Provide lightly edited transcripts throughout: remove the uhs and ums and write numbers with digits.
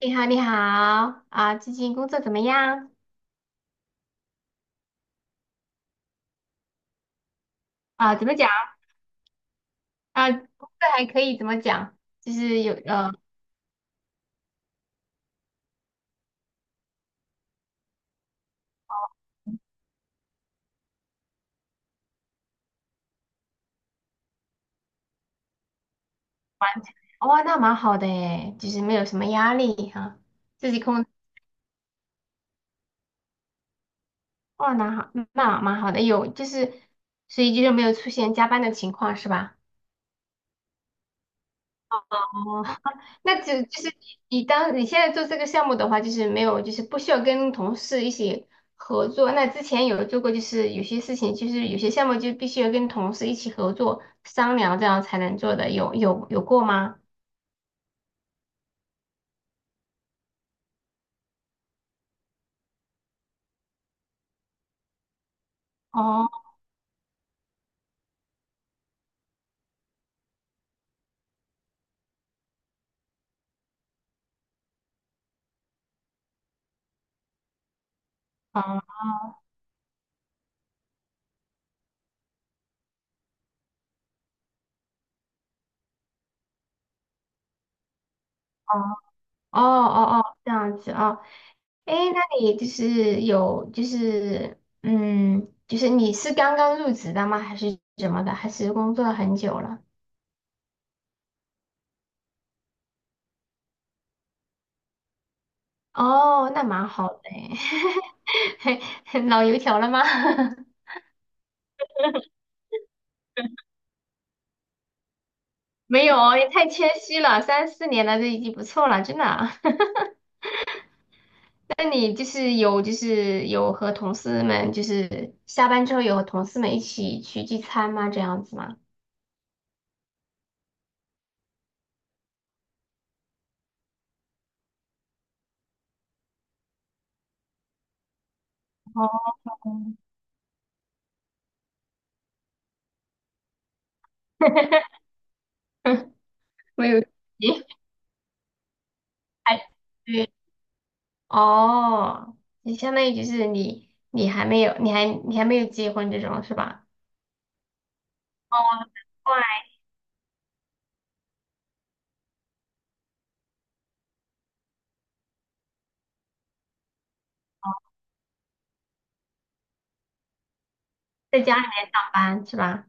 你好，你好啊，最近工作怎么样？啊，怎么讲？啊，工作还可以，怎么讲？就是有哇，那蛮好的诶，就是没有什么压力哈、自己控，哇，那好，那蛮好的，有就是，所以就是没有出现加班的情况是吧？哦，那就是你当你现在做这个项目的话，就是没有，就是不需要跟同事一起合作。那之前有做过，就是有些事情，就是有些项目就必须要跟同事一起合作商量，这样才能做的。有过吗？哦，哦哦哦哦，这样子啊？哎，那你就是有就是嗯，就是你是刚刚入职的吗？还是怎么的？还是工作了很久了？哦，那蛮好的诶，老油条了吗？没有哦，也太谦虚了，三四年了，这已经不错了，真的啊。那你就是有，就是有和同事们，就是下班之后有和同事们一起去聚餐吗？这样子吗？哦，没有，你还对哦，你相当于就是你，你还没有，你还没有结婚这种是吧？哦，难怪在家里面上班是吧？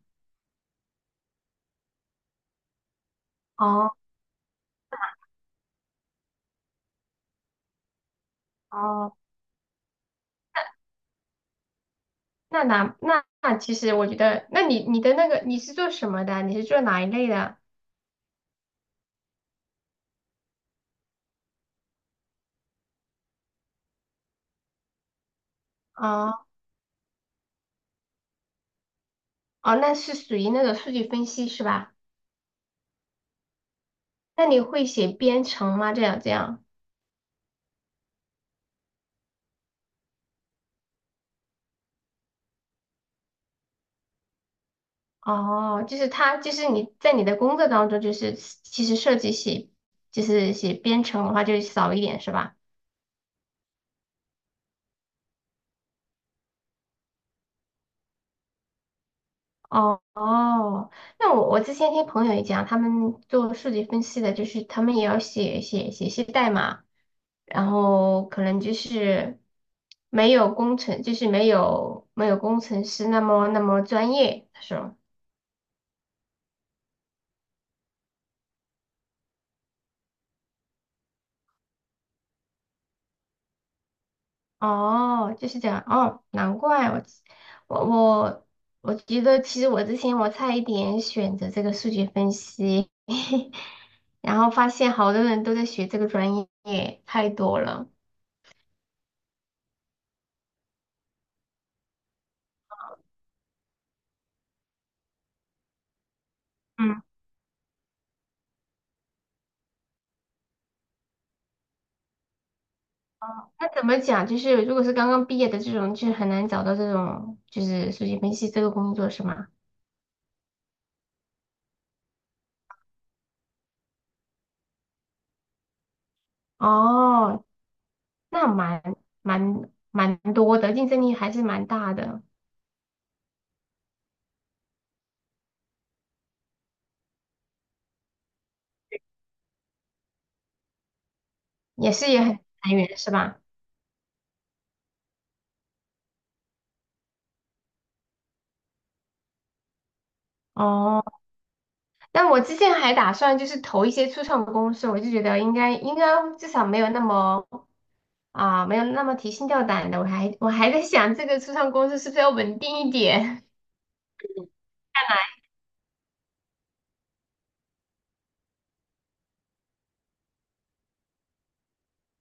哦哦。那那其实我觉得，那你你的那个你是做什么的？你是做哪一类的？哦哦，那是属于那种数据分析是吧？那你会写编程吗？这样这样。哦，就是他就是你在你的工作当中，就是其实设计写，就是写编程的话，就少一点是吧？哦哦，那我之前听朋友也讲，他们做数据分析的，就是他们也要写一些代码。然后可能就是没有工程，就是没有工程师那么那么专业。他说，哦，就是这样，哦，难怪我我我觉得其实我之前我差一点选择这个数据分析，然后发现好多人都在学这个专业，太多了。嗯，那怎么讲？就是如果是刚刚毕业的这种，就很难找到这种就是数据分析这个工作，是吗？哦，那蛮多的，竞争力还是蛮大的，也是也很裁员是吧？哦，那我之前还打算就是投一些初创公司，我就觉得应该至少没有那么啊、没有那么提心吊胆的。我还在想这个初创公司是不是要稳定一点，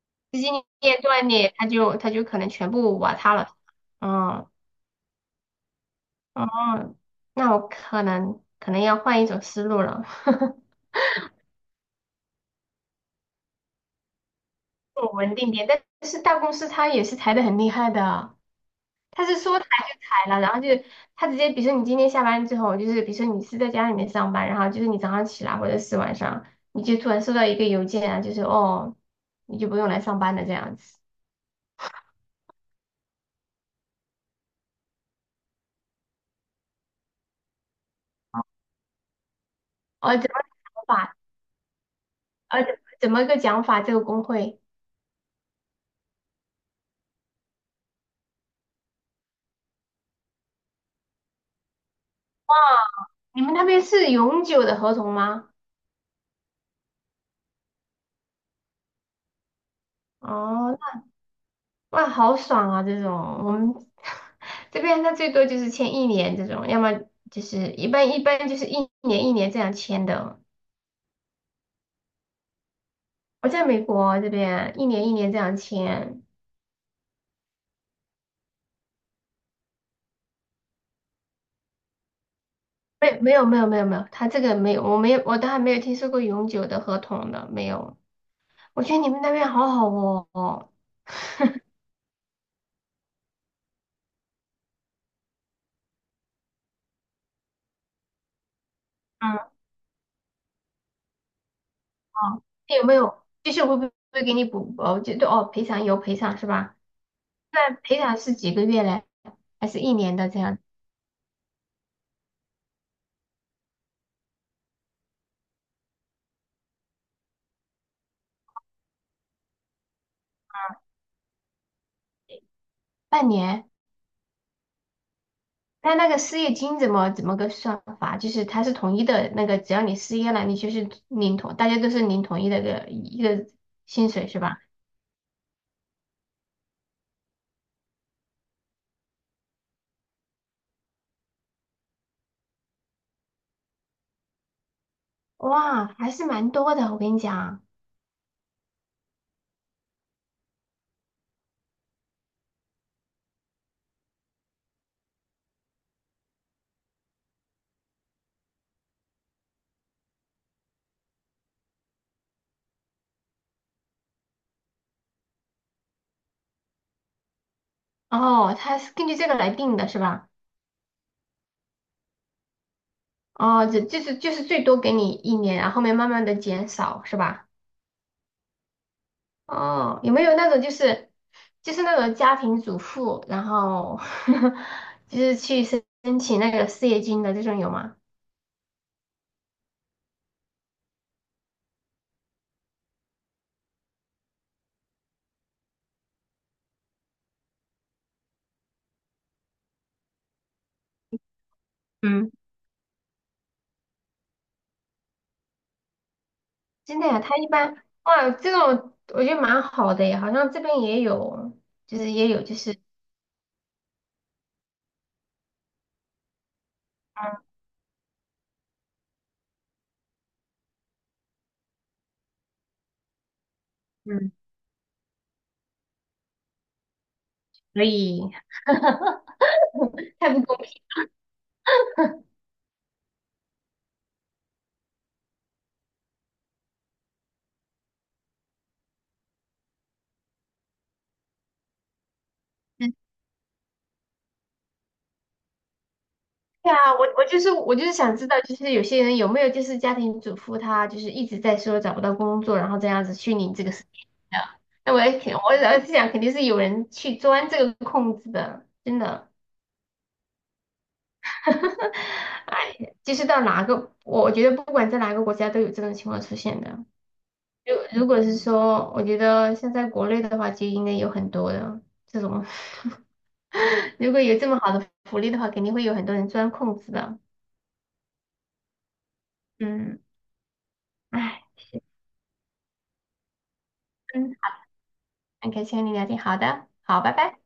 资金链断裂，它就可能全部瓦塌了。嗯哦，那我可能要换一种思路了。稳定点，但是大公司它也是裁的很厉害的，它是说裁就裁了，然后就它直接，比如说你今天下班之后，就是比如说你是在家里面上班，然后就是你早上起来或者是晚上，你就突然收到一个邮件啊，就是哦，你就不用来上班了这样子。哦，怎么个讲法？呃，怎么个讲法？这个工会，你们那边是永久的合同吗？哦，哇，好爽啊！这种我们 这边他最多就是签一年这种，要么就是一般就是一年一年这样签的。我在美国啊这边啊一年一年这样签，没有，他这个没有，我没有我都还没有听说过永久的合同的，没有。我觉得你们那边好好哦。嗯，哦，有没有？就是会不会给你补？哦，就对哦，赔偿有赔偿是吧？那赔偿是几个月嘞？还是一年的这样？半年？那那个失业金怎么个算法？就是它是统一的那个，只要你失业了，你就是领同，大家都是领统一的一个薪水是吧？哇，还是蛮多的，我跟你讲。哦，它是根据这个来定的是吧？哦，这就是就是最多给你一年，然后后面慢慢的减少是吧？哦，有没有那种就是就是那种家庭主妇，然后 就是去申请那个失业金的这种有吗？嗯。真的呀，他一般哇，这种我觉得蛮好的耶，好像这边也有，就是也有，就是嗯，所以 太不公平了。对啊，我就是我就是想知道，就是有些人有没有就是家庭主妇，她就是一直在说找不到工作，然后这样子去领这个事情的。那我也肯，我也是想肯定是有人去钻这个空子的，真的。哎，就是到哪个，我觉得不管在哪个国家都有这种情况出现的。如果是说，我觉得现在国内的话，就应该有很多的这种，如果有这么好的福利的话，肯定会有很多人钻空子的。嗯，唉，嗯，很开心和你聊天，好的，好，拜拜。